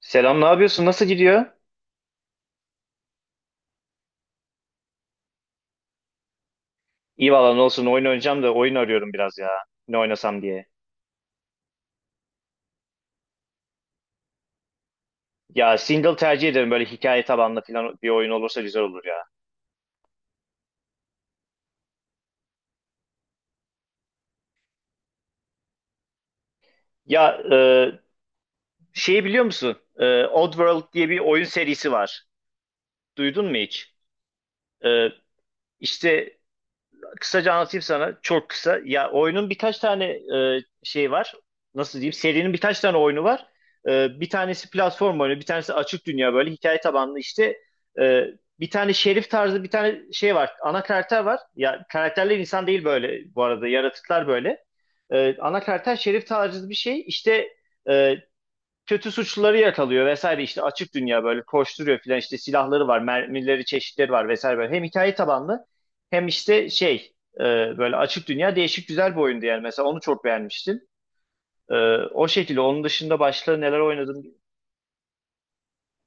Selam, ne yapıyorsun? Nasıl gidiyor? İyi valla ne olsun oyun oynayacağım da oyun arıyorum biraz ya. Ne oynasam diye. Ya single tercih ederim böyle hikaye tabanlı falan bir oyun olursa güzel olur ya. Ya şeyi biliyor musun? Oddworld diye bir oyun serisi var. Duydun mu hiç? E, işte kısaca anlatayım sana çok kısa. Ya oyunun birkaç tane şey var. Nasıl diyeyim? Serinin birkaç tane oyunu var. Bir tanesi platform oyunu, bir tanesi açık dünya böyle hikaye tabanlı işte. E, bir tane şerif tarzı bir tane şey var. Ana karakter var. Ya karakterler insan değil böyle bu arada. Yaratıklar böyle. Ana karakter şerif tarzı bir şey. İşte e, kötü suçluları yakalıyor vesaire işte açık dünya böyle koşturuyor filan işte silahları var mermileri çeşitleri var vesaire böyle hem hikaye tabanlı hem işte şey böyle açık dünya değişik güzel bir oyundu yani mesela onu çok beğenmiştim. E, o şekilde onun dışında başka neler oynadım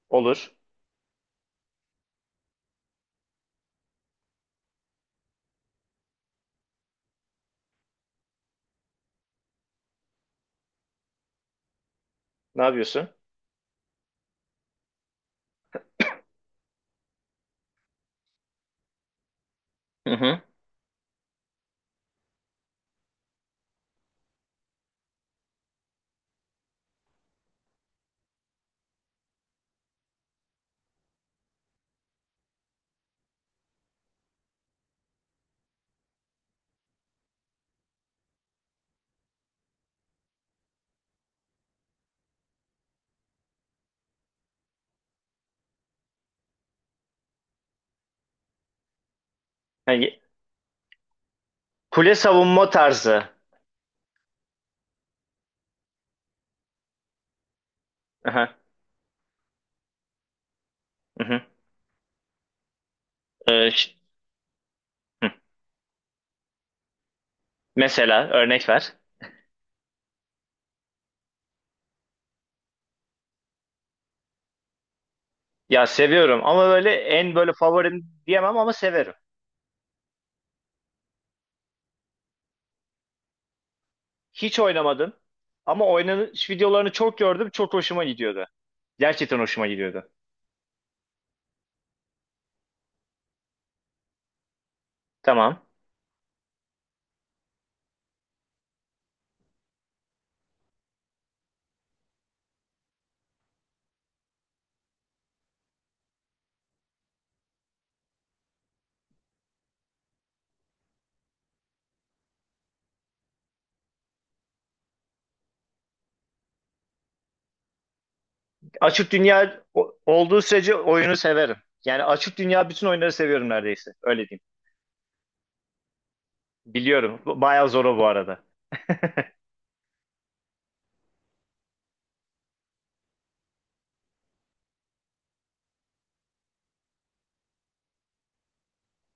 olur. Ne yapıyorsun? Hı hı. Yani kule savunma tarzı. Aha, hı hı. E, ş- hı. Mesela örnek ver. Ya seviyorum ama böyle en böyle favorim diyemem ama severim. Hiç oynamadım. Ama oynanış videolarını çok gördüm. Çok hoşuma gidiyordu. Gerçekten hoşuma gidiyordu. Tamam. Açık dünya olduğu sürece oyunu severim. Yani açık dünya bütün oyunları seviyorum neredeyse. Öyle diyeyim. Biliyorum. Bayağı zor o bu arada.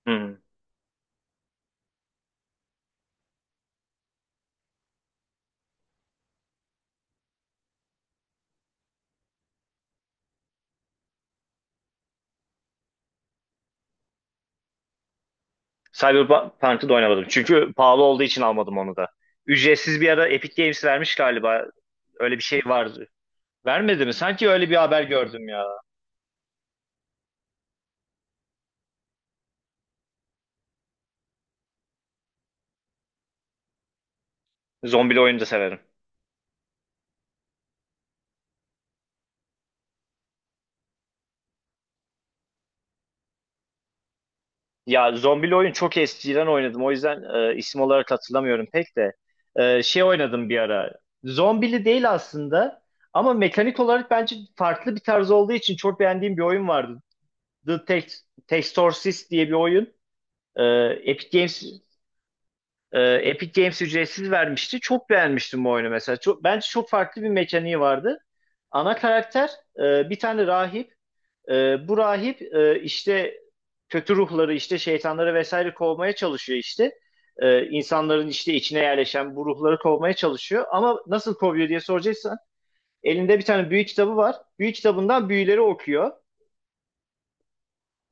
Hmm. Cyberpunk'ı da oynamadım. Çünkü pahalı olduğu için almadım onu da. Ücretsiz bir ara Epic Games vermiş galiba. Öyle bir şey vardı. Vermedi mi? Sanki öyle bir haber gördüm ya. Zombili oyunu da severim. Ya zombili oyun çok eskiden oynadım. O yüzden isim olarak hatırlamıyorum pek de. Şey oynadım bir ara. Zombili değil aslında. Ama mekanik olarak bence farklı bir tarz olduğu için çok beğendiğim bir oyun vardı. The Tex Textorcist diye bir oyun. E, Epic Games Epic Games ücretsiz vermişti. Çok beğenmiştim bu oyunu mesela. Çok, bence çok farklı bir mekaniği vardı. Ana karakter bir tane rahip. Bu rahip işte kötü ruhları işte şeytanları vesaire kovmaya çalışıyor işte. İnsanların işte içine yerleşen bu ruhları kovmaya çalışıyor. Ama nasıl kovuyor diye soracaksan elinde bir tane büyü kitabı var. Büyü kitabından büyüleri okuyor.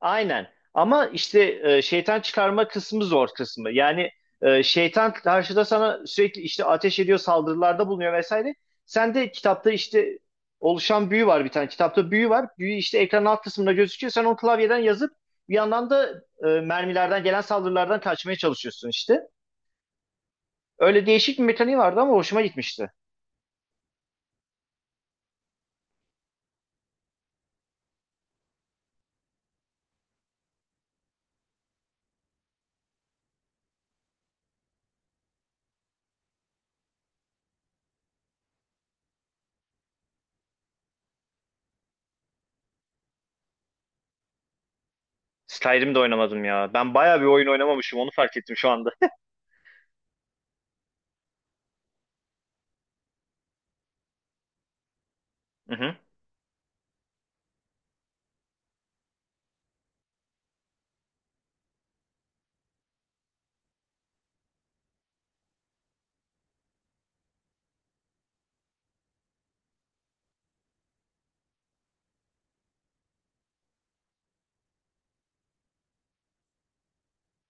Aynen. Ama işte şeytan çıkarma kısmı zor kısmı. Yani şeytan karşıda sana sürekli işte ateş ediyor, saldırılarda bulunuyor vesaire. Sen de kitapta işte oluşan büyü var bir tane. Kitapta büyü var. Büyü işte ekranın alt kısmında gözüküyor. Sen onu klavyeden yazıp bir yandan da mermilerden gelen saldırılardan kaçmaya çalışıyorsun işte. Öyle değişik bir mekaniği vardı ama hoşuma gitmişti. Skyrim'de oynamadım ya. Ben bayağı bir oyun oynamamışım onu fark ettim şu anda. Hı hı,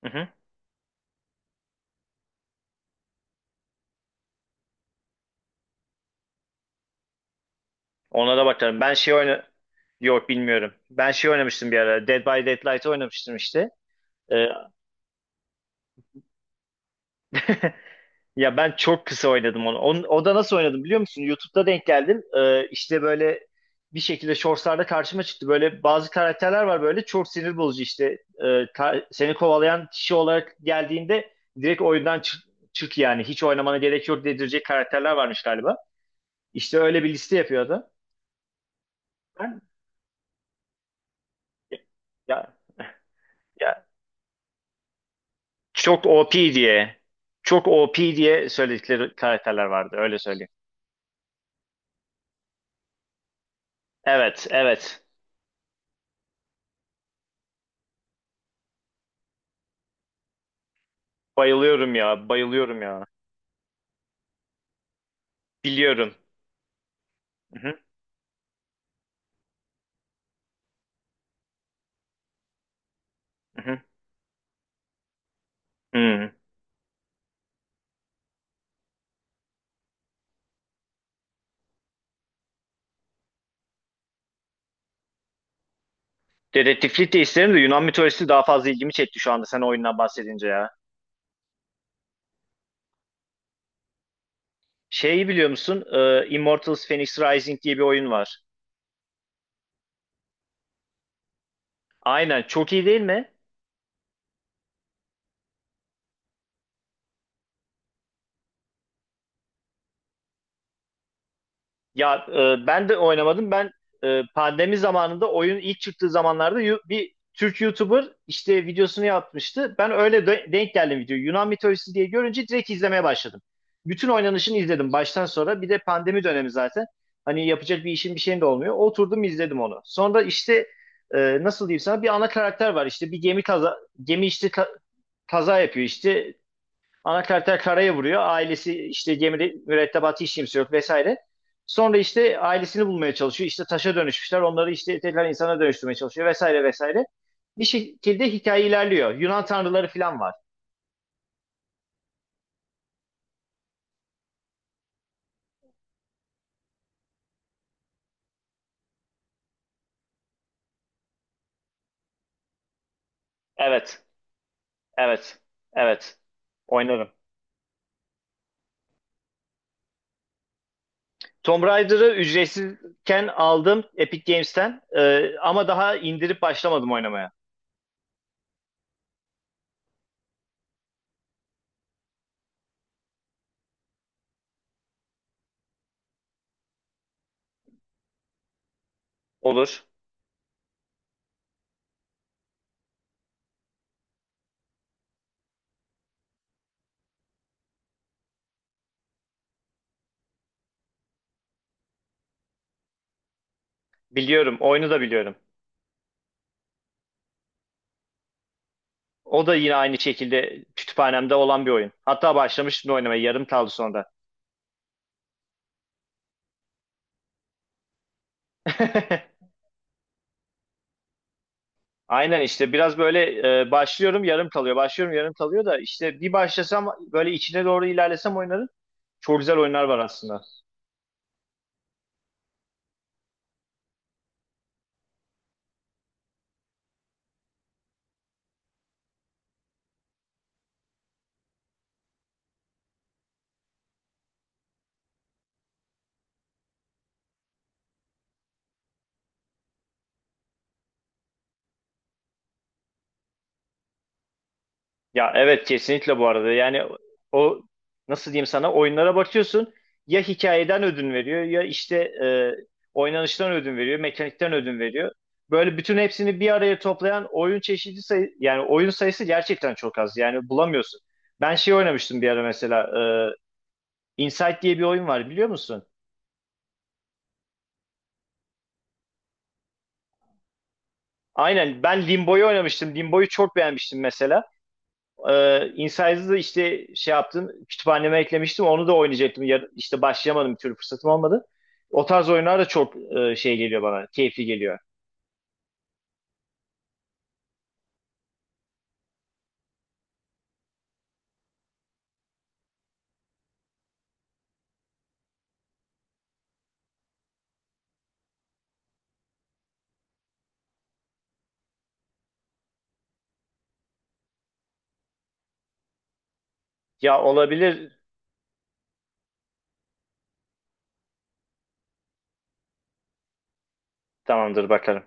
hı hı. Ona da bakarım. Ben şey oyna... Yok bilmiyorum. Ben şey oynamıştım bir ara. Dead by Daylight oynamıştım işte. Ee, ya ben çok kısa oynadım onu. O da nasıl oynadım biliyor musun? YouTube'da denk geldim. İşte böyle bir şekilde shortslarda karşıma çıktı. Böyle bazı karakterler var böyle çok sinir bozucu işte. Seni kovalayan kişi olarak geldiğinde direkt oyundan çık, çık yani. Hiç oynamana gerek yok dedirecek karakterler varmış galiba. İşte öyle bir liste yapıyordu. Ben ya, ya Çok OP diye, çok OP diye söyledikleri karakterler vardı. Öyle söyleyeyim. Evet, evet. Bayılıyorum ya, bayılıyorum ya. Biliyorum. Hı hı, hı hı. Hmm. Dedektiflik de isterim de Yunan mitolojisi daha fazla ilgimi çekti şu anda sen o oyundan bahsedince ya. Şeyi biliyor musun? Immortals Fenyx Rising diye bir oyun var. Aynen, çok iyi değil mi? Ya ben de oynamadım. Ben pandemi zamanında oyun ilk çıktığı zamanlarda bir Türk YouTuber işte videosunu yapmıştı. Ben öyle denk geldim video. Yunan mitolojisi diye görünce direkt izlemeye başladım. Bütün oynanışını izledim baştan sonra. Bir de pandemi dönemi zaten. Hani yapacak bir işim bir şeyim de olmuyor. Oturdum izledim onu. Sonra işte e, nasıl diyeyim sana bir ana karakter var. İşte bir gemi kaza gemi işte ka- kaza yapıyor işte. Ana karakter karaya vuruyor. Ailesi işte gemide mürettebatı hiç kimse yok vesaire. Sonra işte ailesini bulmaya çalışıyor. İşte taşa dönüşmüşler. Onları işte tekrar insana dönüştürmeye çalışıyor vesaire vesaire. Bir şekilde hikaye ilerliyor. Yunan tanrıları falan var. Evet. Evet. Evet. Oynarım. Tomb Raider'ı ücretsizken aldım Epic Games'ten. Ama daha indirip başlamadım oynamaya. Olur. Biliyorum. Oyunu da biliyorum. O da yine aynı şekilde kütüphanemde olan bir oyun. Hatta başlamıştım da oynamaya. Yarım kaldı sonra. Aynen işte biraz böyle başlıyorum yarım kalıyor. Başlıyorum yarım kalıyor da işte bir başlasam böyle içine doğru ilerlesem oyunların çok güzel oyunlar var aslında. Ya evet kesinlikle bu arada. Yani o nasıl diyeyim sana oyunlara bakıyorsun ya hikayeden ödün veriyor ya işte e, oynanıştan ödün veriyor, mekanikten ödün veriyor. Böyle bütün hepsini bir araya toplayan oyun çeşidi sayı yani oyun sayısı gerçekten çok az. Yani bulamıyorsun. Ben şey oynamıştım bir ara mesela Insight diye bir oyun var biliyor musun? Aynen ben Limbo'yu oynamıştım. Limbo'yu çok beğenmiştim mesela. Inside'ı da işte şey yaptım kütüphaneme eklemiştim. Onu da oynayacaktım. Ya, işte başlayamadım bir türlü fırsatım olmadı. O tarz oyunlar da çok şey geliyor bana. Keyifli geliyor. Ya olabilir. Tamamdır bakalım.